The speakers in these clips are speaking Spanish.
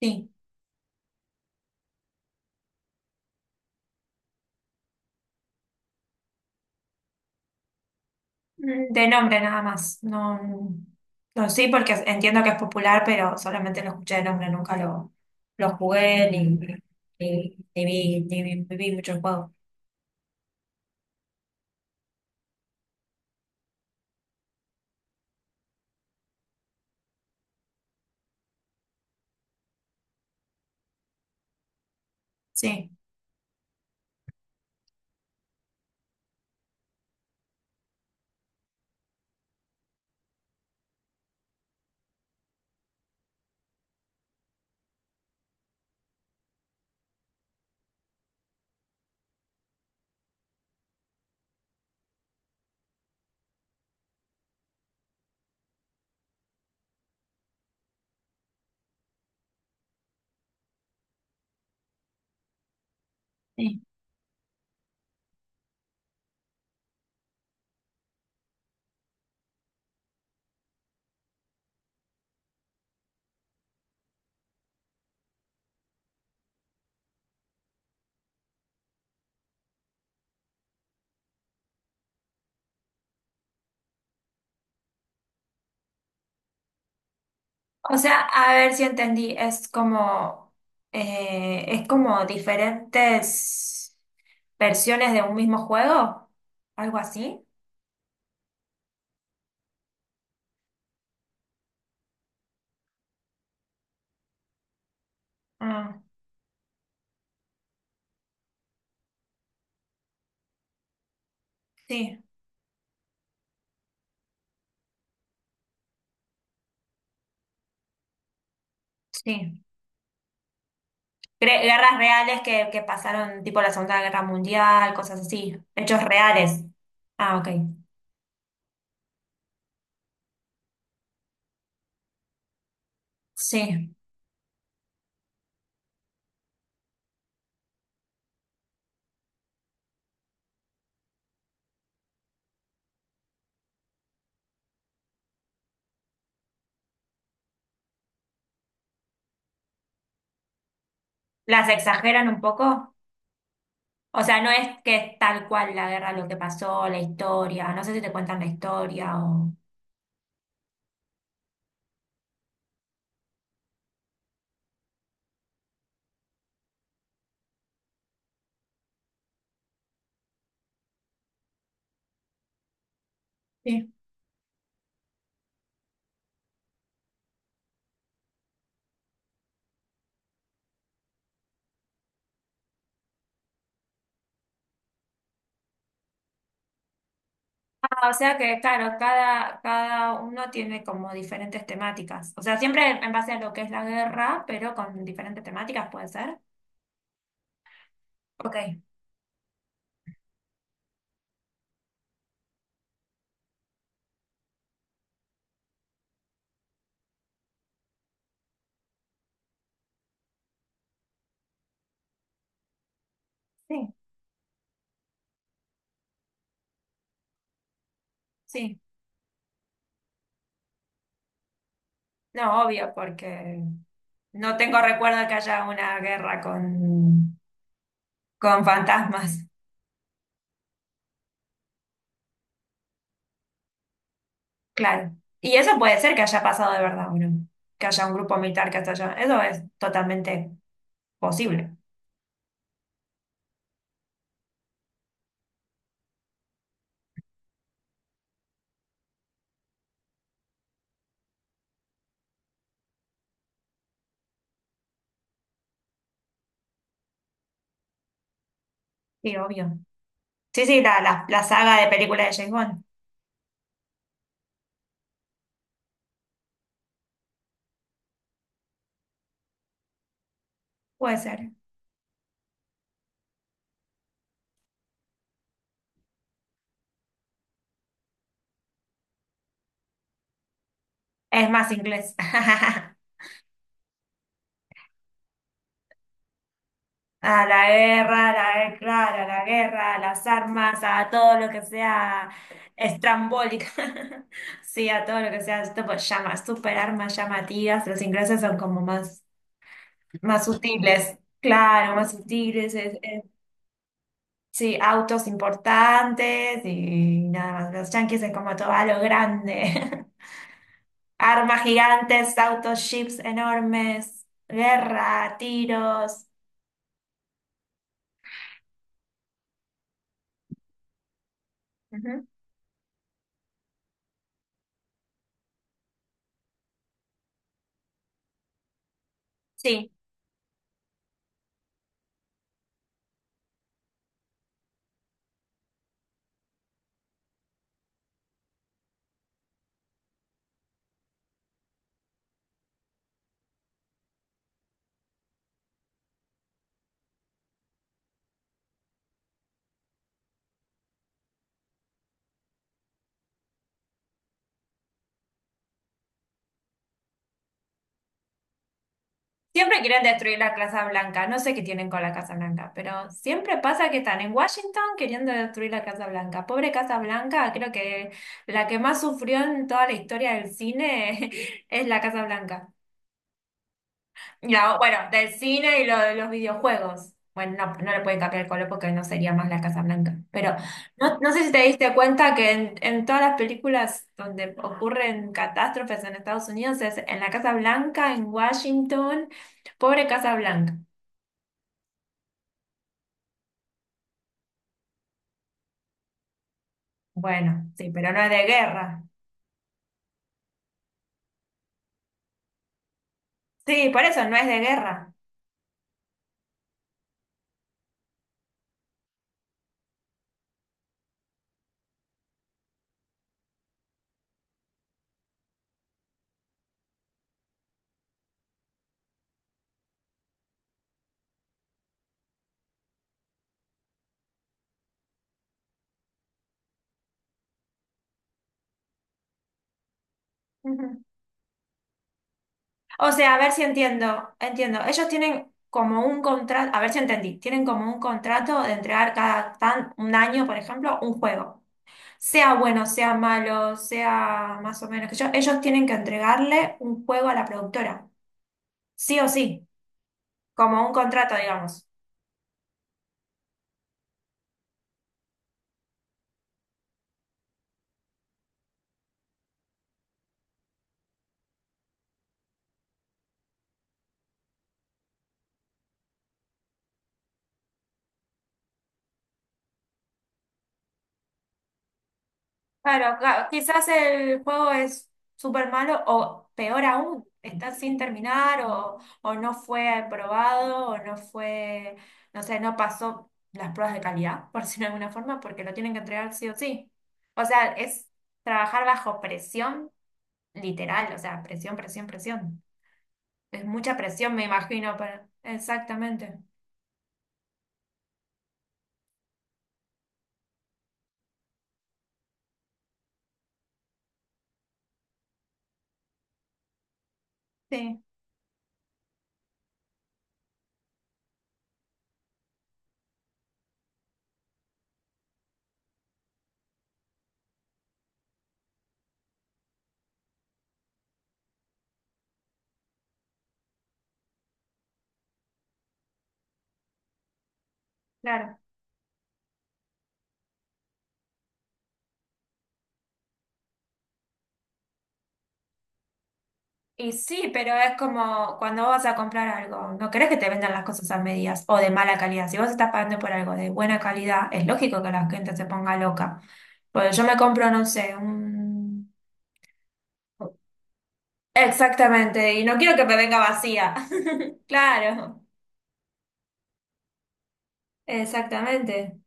Sí. De nombre nada más. No, no sí, porque entiendo que es popular, pero solamente lo escuché de nombre, nunca lo, lo jugué ni ni vi mucho el juego. Sí, sí. O sea, a ver si entendí, es como diferentes versiones de un mismo juego, algo así. Ah, sí, sí. Guerras reales que pasaron, tipo la Segunda Guerra Mundial, cosas así. Hechos reales. Ah, ok. Sí. ¿Las exageran un poco? O sea, no es que es tal cual la guerra, lo que pasó, la historia. No sé si te cuentan la historia o... Sí. Ah, o sea que, claro, cada uno tiene como diferentes temáticas. O sea, siempre en base a lo que es la guerra, pero con diferentes temáticas puede ser. Ok. Sí, sí. No, obvio, porque... No tengo recuerdo que haya una guerra con fantasmas, claro. Y eso puede ser que haya pasado de verdad, bueno, que haya un grupo militar que hasta allá. Eso es totalmente posible, sí, obvio. Sí, sí, la saga de películas de James Bond, puede ser. Es más inglés. A la guerra, claro, a la guerra, a las armas, a todo lo que sea estrambólica. Sí, a todo lo que sea, tipo, llamas, super armas llamativas. Los ingleses son como más. Más sutiles, claro, más sutiles. Sí, autos importantes y nada más. Los yanquis es como todo a lo grande. Armas gigantes, autos, ships enormes, guerra, tiros. Ujú. Sí, siempre quieren destruir la Casa Blanca. No sé qué tienen con la Casa Blanca, pero siempre pasa que están en Washington queriendo destruir la Casa Blanca. Pobre Casa Blanca, creo que la que más sufrió en toda la historia del cine es la Casa Blanca. Bueno, del cine y lo de los videojuegos. Bueno, no, no le pueden cambiar el color porque no sería más la Casa Blanca. Pero no, no sé si te diste cuenta que en todas las películas donde ocurren catástrofes en Estados Unidos es en la Casa Blanca, en Washington. Pobre Casa Blanca. Bueno, sí, pero no es de guerra. Sí, por eso no es de guerra. Ujú. O sea, a ver si entiendo, entiendo. Ellos tienen como un contrato, a ver si entendí, tienen como un contrato de entregar cada tan, un año, por ejemplo, un juego. Sea bueno, sea malo, sea más o menos que yo, ellos tienen que entregarle un juego a la productora, sí o sí, como un contrato, digamos. Claro, quizás el juego es súper malo o peor aún, está sin terminar o no fue aprobado o no fue, no sé, no pasó las pruebas de calidad, por decirlo de alguna forma, porque lo tienen que entregar sí o sí. O sea, es trabajar bajo presión literal, o sea, presión, presión, presión. Es mucha presión, me imagino, para... Exactamente. Sí, claro. Y sí, pero es como cuando vos vas a comprar algo, no querés que te vendan las cosas a medias o de mala calidad. Si vos estás pagando por algo de buena calidad, es lógico que la gente se ponga loca. Porque yo me compro, no sé, un... Exactamente, y no quiero que me venga vacía. Claro, exactamente.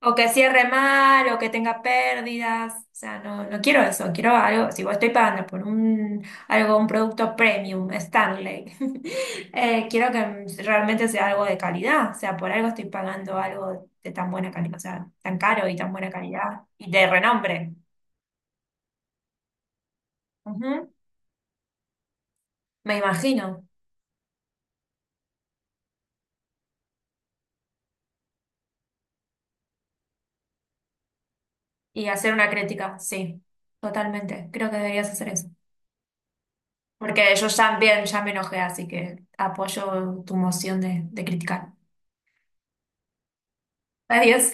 O que cierre mal, o que tenga pérdidas. O sea, no, no quiero eso, quiero algo. Si vos estoy pagando por un algo, un producto premium, Stanley, quiero que realmente sea algo de calidad. O sea, por algo estoy pagando algo de tan buena calidad, o sea, tan caro y tan buena calidad y de renombre. Ujú, me imagino. Y hacer una crítica, sí, totalmente. Creo que deberías hacer eso. Porque yo también ya me enojé, así que apoyo tu moción de criticar. Adiós.